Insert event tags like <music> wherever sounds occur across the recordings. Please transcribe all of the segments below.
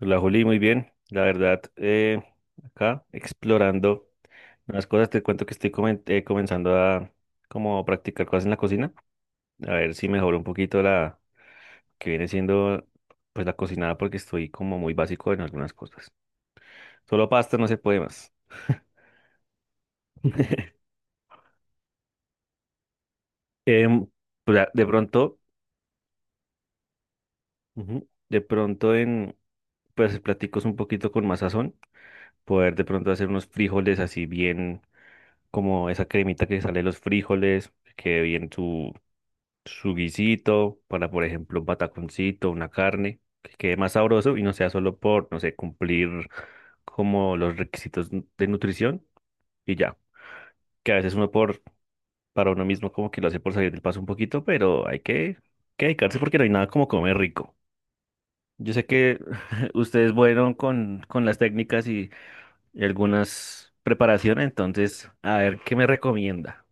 Hola Juli, muy bien. La verdad, acá explorando unas cosas, te cuento que estoy comenzando a como practicar cosas en la cocina, a ver si mejoro un poquito la que viene siendo pues la cocinada porque estoy como muy básico en algunas cosas. Solo pasta no se puede más. <laughs> Em, pues, ah, de pronto, ujú, de pronto en pues platicos un poquito con más sazón, poder de pronto hacer unos frijoles así bien como esa cremita que sale de los frijoles, que quede bien su guisito, para por ejemplo un pataconcito, una carne, que quede más sabroso y no sea solo por, no sé, cumplir como los requisitos de nutrición y ya, que a veces uno por, para uno mismo como que lo hace por salir del paso un poquito, pero que dedicarse porque no hay nada como comer rico. Yo sé que <laughs> ustedes fueron con las técnicas y algunas preparaciones, entonces, a ver, ¿qué me recomienda?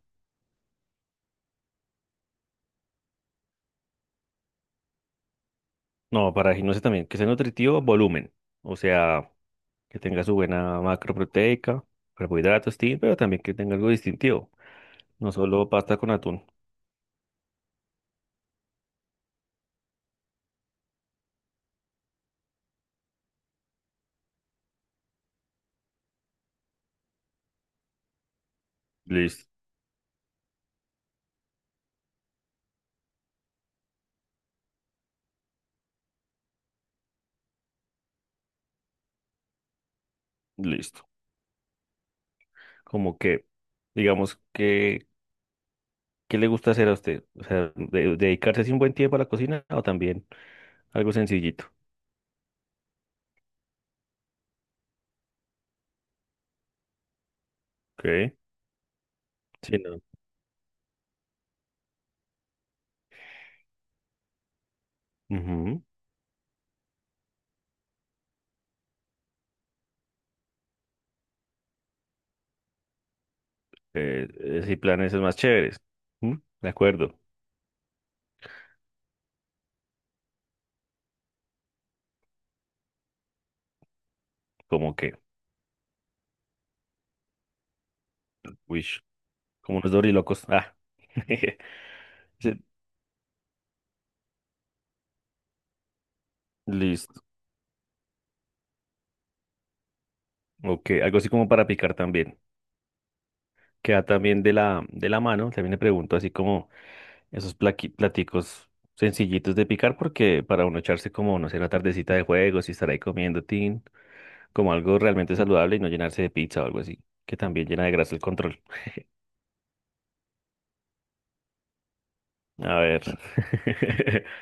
No, para no sé también, que sea nutritivo, volumen. O sea, que tenga su buena macro proteica, carbohidratos, tin, pero también que tenga algo distintivo, no solo pasta con atún. Listo, listo. Como que, digamos que, ¿qué le gusta hacer a usted? O sea, dedicarse así un buen tiempo a la cocina o también algo sencillito. Ok, sí, no. Ujú. Sí, planes es más chéveres. ¿Mm? De acuerdo. Como que, wish, como unos dorilocos. Ah. <laughs> Sí, listo. Ok, algo así como para picar también, que va también de la mano. También le pregunto así como esos platicos sencillitos de picar, porque para uno echarse como, no sé, una tardecita de juegos y estar ahí comiendo tin, como algo realmente saludable y no llenarse de pizza o algo así, que también llena de grasa el control. A ver. <laughs>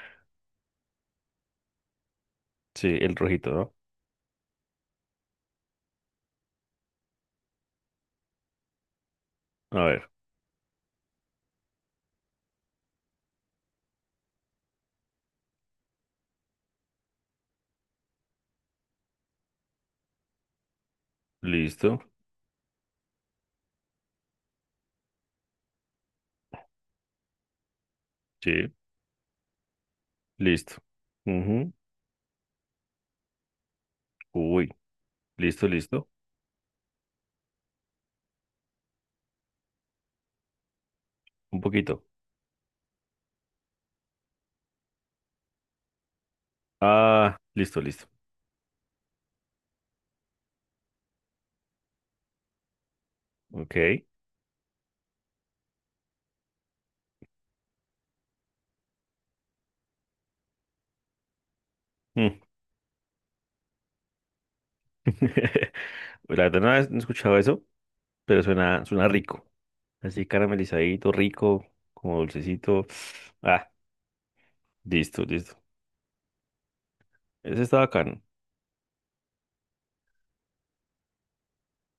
Sí, el rojito, ¿no? A ver, listo. Sí, listo. Ujú. Uy, listo, listo. Un poquito. Ah, listo, listo. Ok. Mm. <laughs> La verdad no he escuchado eso, pero suena, suena rico. Así caramelizadito, rico, como dulcecito. Ah, listo, listo. Ese está acá.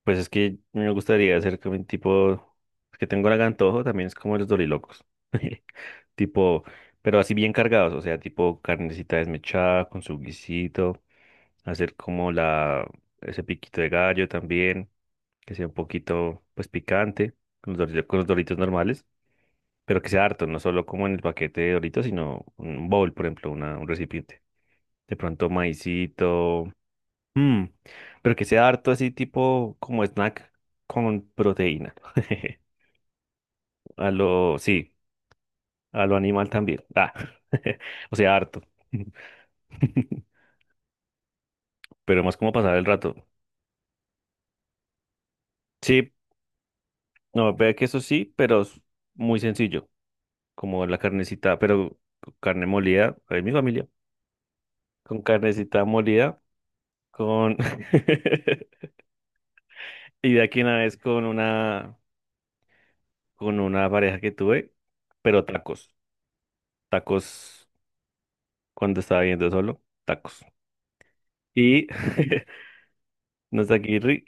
Pues es que no me gustaría hacer como un tipo, que tengo el antojo, también es como los dorilocos. <laughs> Tipo, pero así bien cargados, o sea, tipo carnecita desmechada con su guisito, hacer como la, ese piquito de gallo también, que sea un poquito, pues picante, con los doritos normales, pero que sea harto, no solo como en el paquete de doritos, sino un bowl, por ejemplo, una, un recipiente. De pronto maicito. Mm, pero que sea harto así tipo como snack con proteína. <laughs> A lo, sí, a lo animal también. Ah, <laughs> o sea, harto. <laughs> Pero más como pasar el rato. Sí, no, ve que eso sí, pero es muy sencillo, como la carnecita, pero con carne molida, ahí mi familia, con carnecita molida, con... <laughs> y de aquí una vez con una pareja que tuve, pero tacos, tacos. Cuando estaba viendo solo, tacos. Y <laughs> Nozakirri,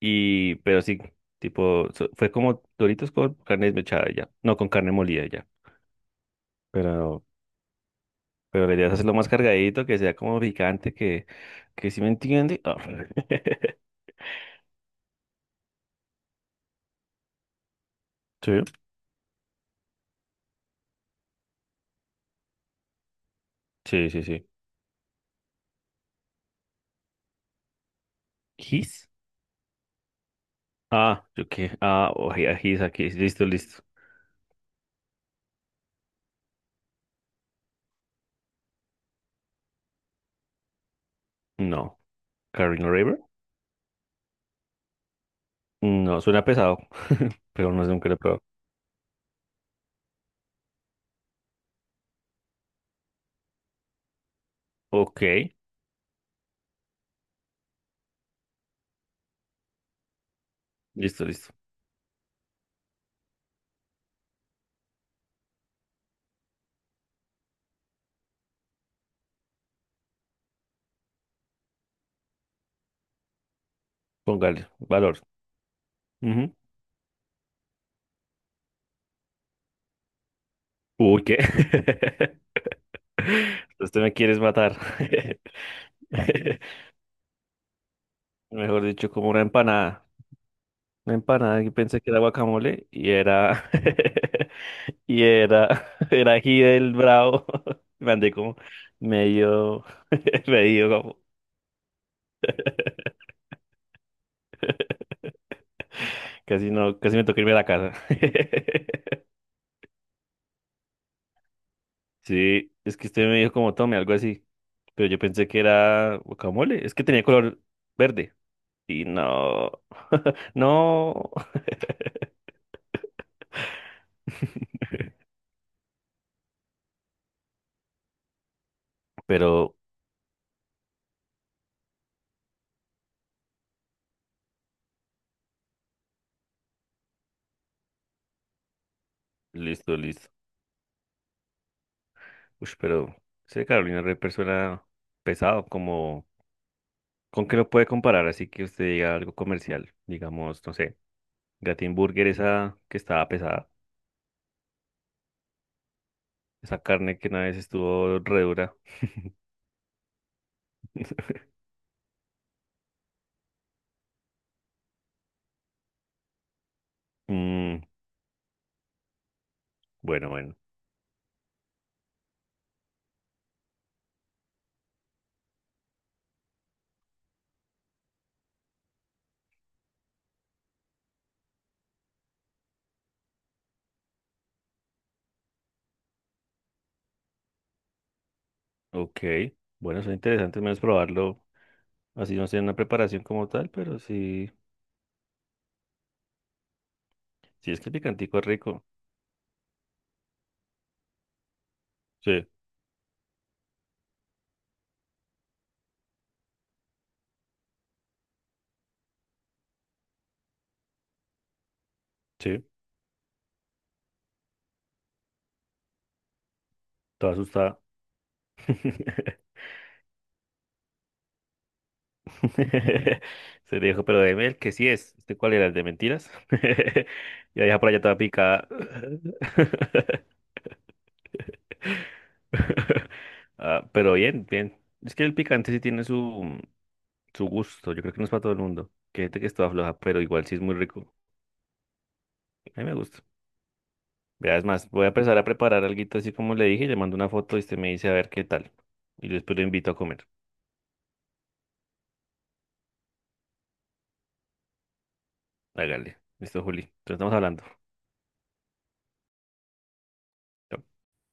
y, pero sí, tipo, fue como Doritos con carne desmechada ya, no, con carne molida ya, pero, pero la idea es hacerlo más cargadito, que sea como picante, que si me entiende. Ah. <laughs> Sí, sí, sí, sí. ¿His? Ah, yo qué, ah, oye, his aquí, listo, listo. No, Carino River, no, suena pesado, <laughs> pero no sé, nunca lo he probado. Ok, listo, listo, póngale, valor. Uy, ¿qué? <laughs> Usted me quieres matar. <laughs> Mejor dicho, como una empanada. Una empanada que pensé que era guacamole y era. <laughs> Y era. Era ají del bravo. <laughs> Me andé como medio. <laughs> Medio como. Casi no, casi me tocó irme a la casa. <laughs> Sí, es que usted me dijo como tome, algo así. Pero yo pensé que era guacamole. Es que tenía color verde. Y no. <laughs> No. Pero listo, listo. Uy, pero ese Carolina Reaper suena pesado, como ¿con qué lo puede comparar? Así que usted diga algo comercial, digamos, no sé, Gatin Burger esa que estaba pesada, esa carne que una vez estuvo re dura. <laughs> Mm, bueno, bueno, ok, bueno, es interesante menos probarlo, así no sea una preparación como tal, pero sí, sí es que el picantico es rico. Sí, sí, toda asustada. <laughs> <laughs> Se dijo, pero de miel, que sí es. ¿Este cuál era el de mentiras? <laughs> Y la vieja por allá toda picada. <laughs> Ah, pero bien, bien. Es que el picante sí tiene su, su gusto. Yo creo que no es para todo el mundo. Que hay gente que es toda floja, pero igual sí es muy rico. A mí me gusta. Vea, es más, voy a empezar a preparar alguito así como le dije, y le mando una foto y usted me dice a ver qué tal. Y después lo invito a comer. Hágale. Listo, Juli. Entonces estamos hablando.